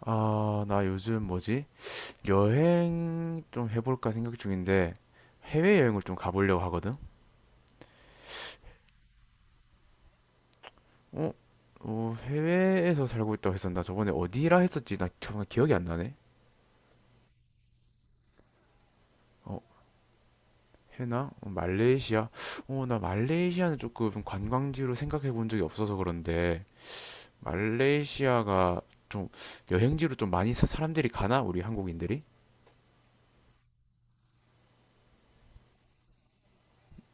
아, 나 요즘 뭐지? 여행 좀 해볼까 생각 중인데 해외여행을 좀 가보려고 하거든? 어? 어, 해외에서 살고 있다고 했었나? 저번에 어디라 했었지? 나 정말 기억이 안 나네. 어, 해나? 어, 말레이시아? 어, 나 말레이시아는 조금 관광지로 생각해 본 적이 없어서 그런데 말레이시아가 좀 여행지로 좀 많이 사람들이 가나? 우리 한국인들이?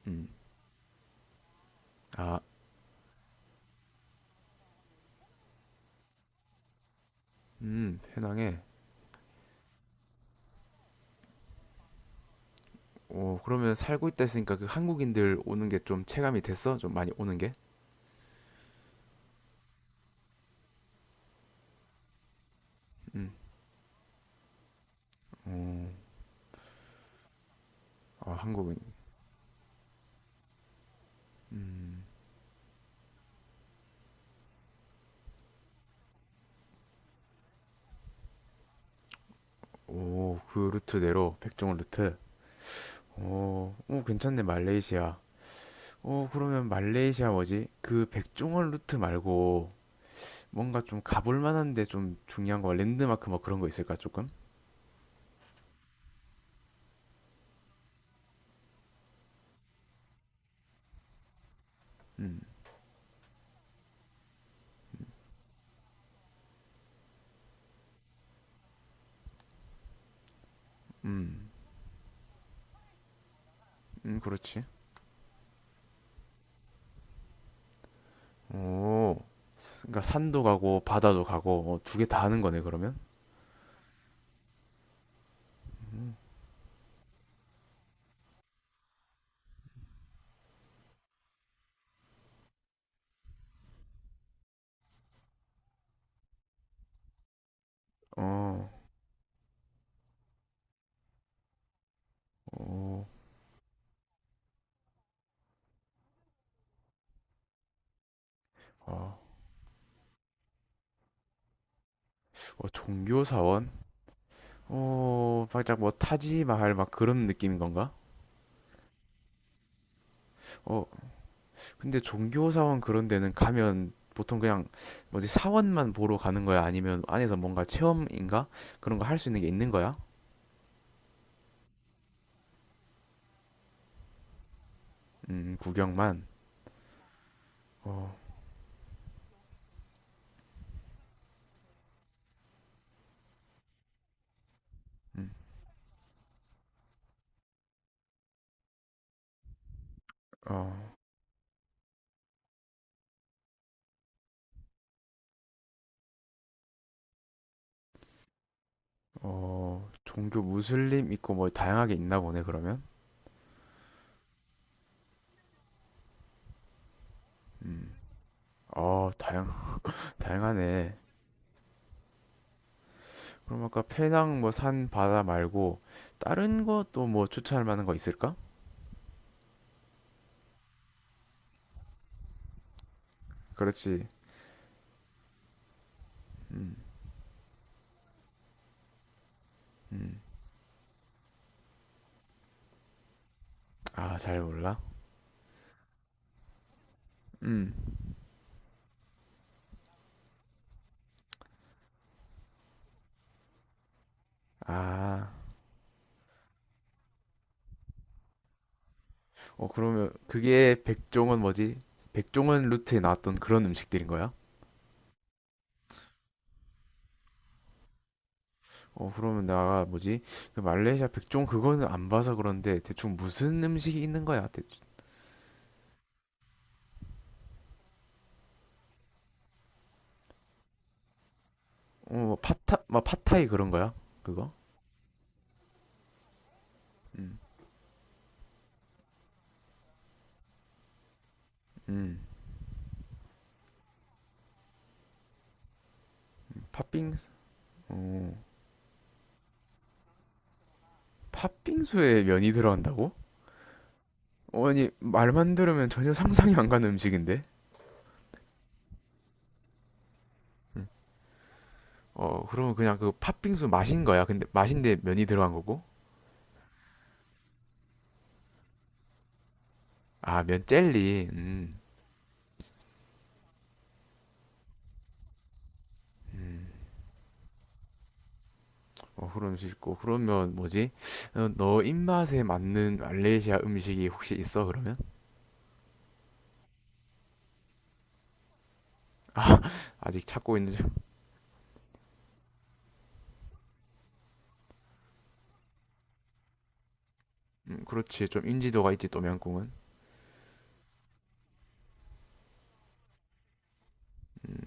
음. 아, 해낭에. 어, 그러면 살고 있다 했으니까 그 한국인들 오는 게 좀 체감이 됐어? 좀 많이 오는 게? 음. 어, 아, 한국인. 음. 오, 그 루트대로 백종원 루트. 어, 어, 괜찮네 말레이시아. 어, 그러면 말레이시아 뭐지? 그 백종원 루트 말고 뭔가 좀 가볼 만한데 좀 중요한 거 랜드마크 뭐 그런 거 있을까 조금? 음, 음, 그렇지. 오, 그러니까 산도 가고 바다도 가고 어, 두개 다 하는 거네 그러면? 어, 어, 아. 어, 종교사원? 어, 살짝 뭐 타지마할 막 그런 느낌인 건가? 어, 근데 종교사원 그런 데는 가면 보통 그냥 뭐지, 사원만 보러 가는 거야? 아니면 안에서 뭔가 체험인가? 그런 거 할 수 있는 게 있는 거야? 구경만. 어, 음, 어, 어, 종교 무슬림 있고 뭐 다양하게 있나 보네, 그러면? 음, 어, 다양, 다양하네. 그럼 아까 페낭 뭐 산 바다 말고 다른 것도 뭐 추천할 만한 거 있을까? 그렇지. 음, 음. 아, 잘 몰라? 음. 아, 어, 그러면 그게 백종원 뭐지? 백종원 루트에 나왔던 그런 음식들인 거야? 어, 그러면 나 뭐지? 그 말레이시아 백종 그거는 안 봐서 그런데 대충 무슨 음식이 있는 거야? 대충. 어, 뭐 파타, 막 파타이 그런 거야? 그거? 음, 음. 팥빙수? 어, 팥빙수에 면이 들어간다고? 어, 아니, 말만 들으면 전혀 상상이 안 가는 음식인데? 음. 어, 그러면 그냥 그 팥빙수 맛인 거야? 근데 맛인데 면이 들어간 거고? 아, 면 젤리. 음. 어, 그런 음식 있고. 그러면 뭐지? 어, 너 입맛에 맞는 말레이시아 음식이 혹시 있어, 그러면? 아직 찾고 있는지. 그렇지. 좀 인지도가 있지, 똠양꿍은.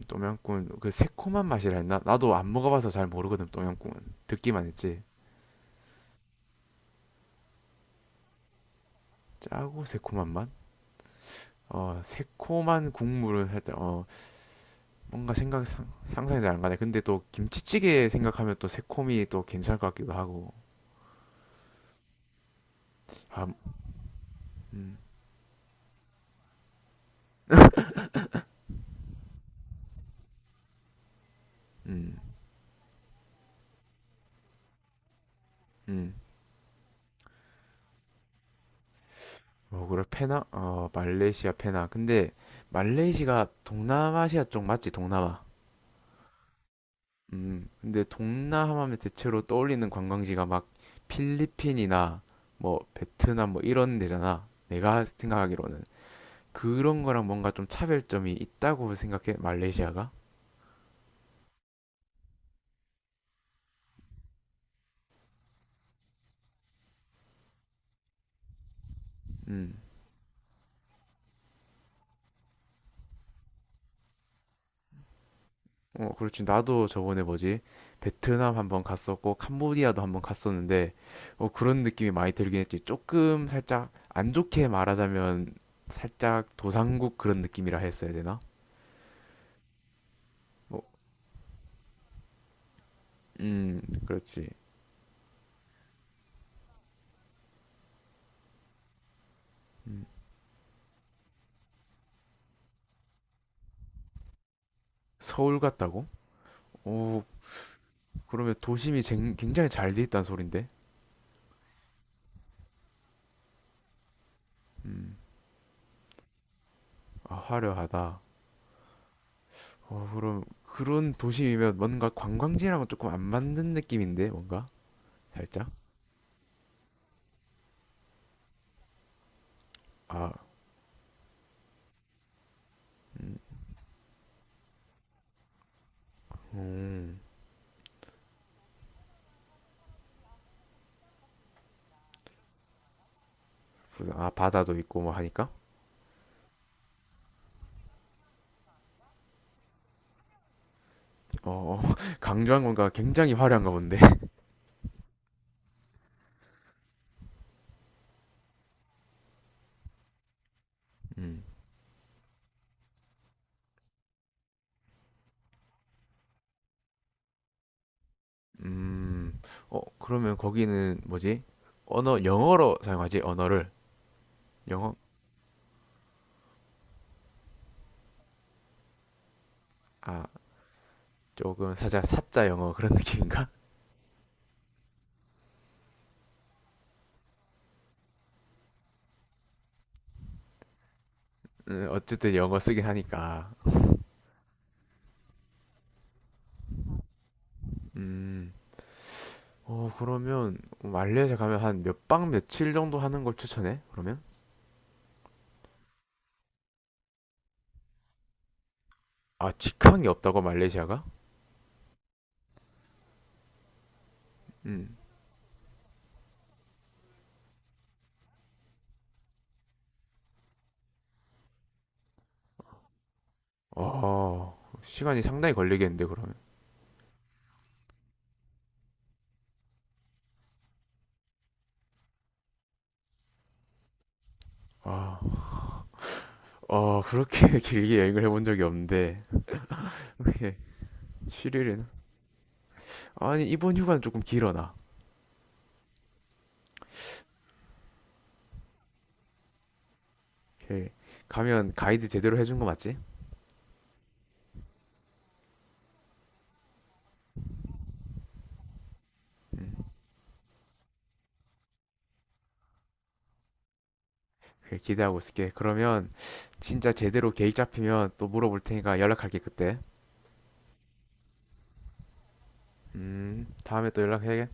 똠양꿍은 그 새콤한 맛이라 했나? 나도 안 먹어봐서 잘 모르거든, 똠양꿍은. 듣기만 했지. 짜고 새콤한 맛? 어, 새콤한 국물을 살짝, 어, 뭔가 생각, 상, 상상이 잘 안 가네. 근데 또 김치찌개 생각하면 또 새콤이 또 괜찮을 것 같기도 하고. 아, 음, 음, 음. 어, 그래, 페낭? 어, 말레이시아 페낭. 근데 말레이시아가 동남아시아 쪽 맞지? 동남아. 근데 동남아면 대체로 떠올리는 관광지가 막 필리핀이나 뭐 베트남 뭐 이런 데잖아. 내가 생각하기로는. 그런 거랑 뭔가 좀 차별점이 있다고 생각해, 말레이시아가? 음. 어, 그렇지. 나도 저번에 뭐지? 베트남 한번 갔었고, 캄보디아도 한번 갔었는데, 어, 그런 느낌이 많이 들긴 했지. 조금 살짝 안 좋게 말하자면, 살짝 도상국 그런 느낌이라 했어야 되나? 뭐, 그렇지. 음. 서울 같다고? 오, 그러면 도심이 굉장히 잘 돼 있다는 소린데? 음, 아, 화려하다. 어, 그럼 그런 도심이면 뭔가 관광지랑은 조금 안 맞는 느낌인데, 뭔가? 살짝? 아, 음. 음. 아, 바다도 있고 뭐 하니까 어, 어, 강조한 건가? 굉장히 화려한가 본데. 음, 음, 어, 그러면 거기는 뭐지, 언어 영어로 사용하지, 언어를. 영어. 아, 조금 사자 사자 영어 그런 느낌인가? 어쨌든 영어 쓰긴 하니까. 음. 어, 그러면 말레이시아 가면 한 몇 박 며칠 정도 하는 걸 추천해, 그러면? 아, 직항이 없다고 말레이시아가? 음. 어, 시간이 상당히 걸리겠는데, 그러면? 아, 어, 그렇게 길게 여행을 해본 적이 없는데, 이렇게, 7일은? 아니, 이번 휴가는 조금 길어, 나. 이렇게 가면 가이드 제대로 해준 거 맞지? 이렇게 기대하고 있을게. 그러면 진짜 제대로 계획 잡히면 또 물어볼 테니까 연락할게, 그때. 다음에 또 연락해.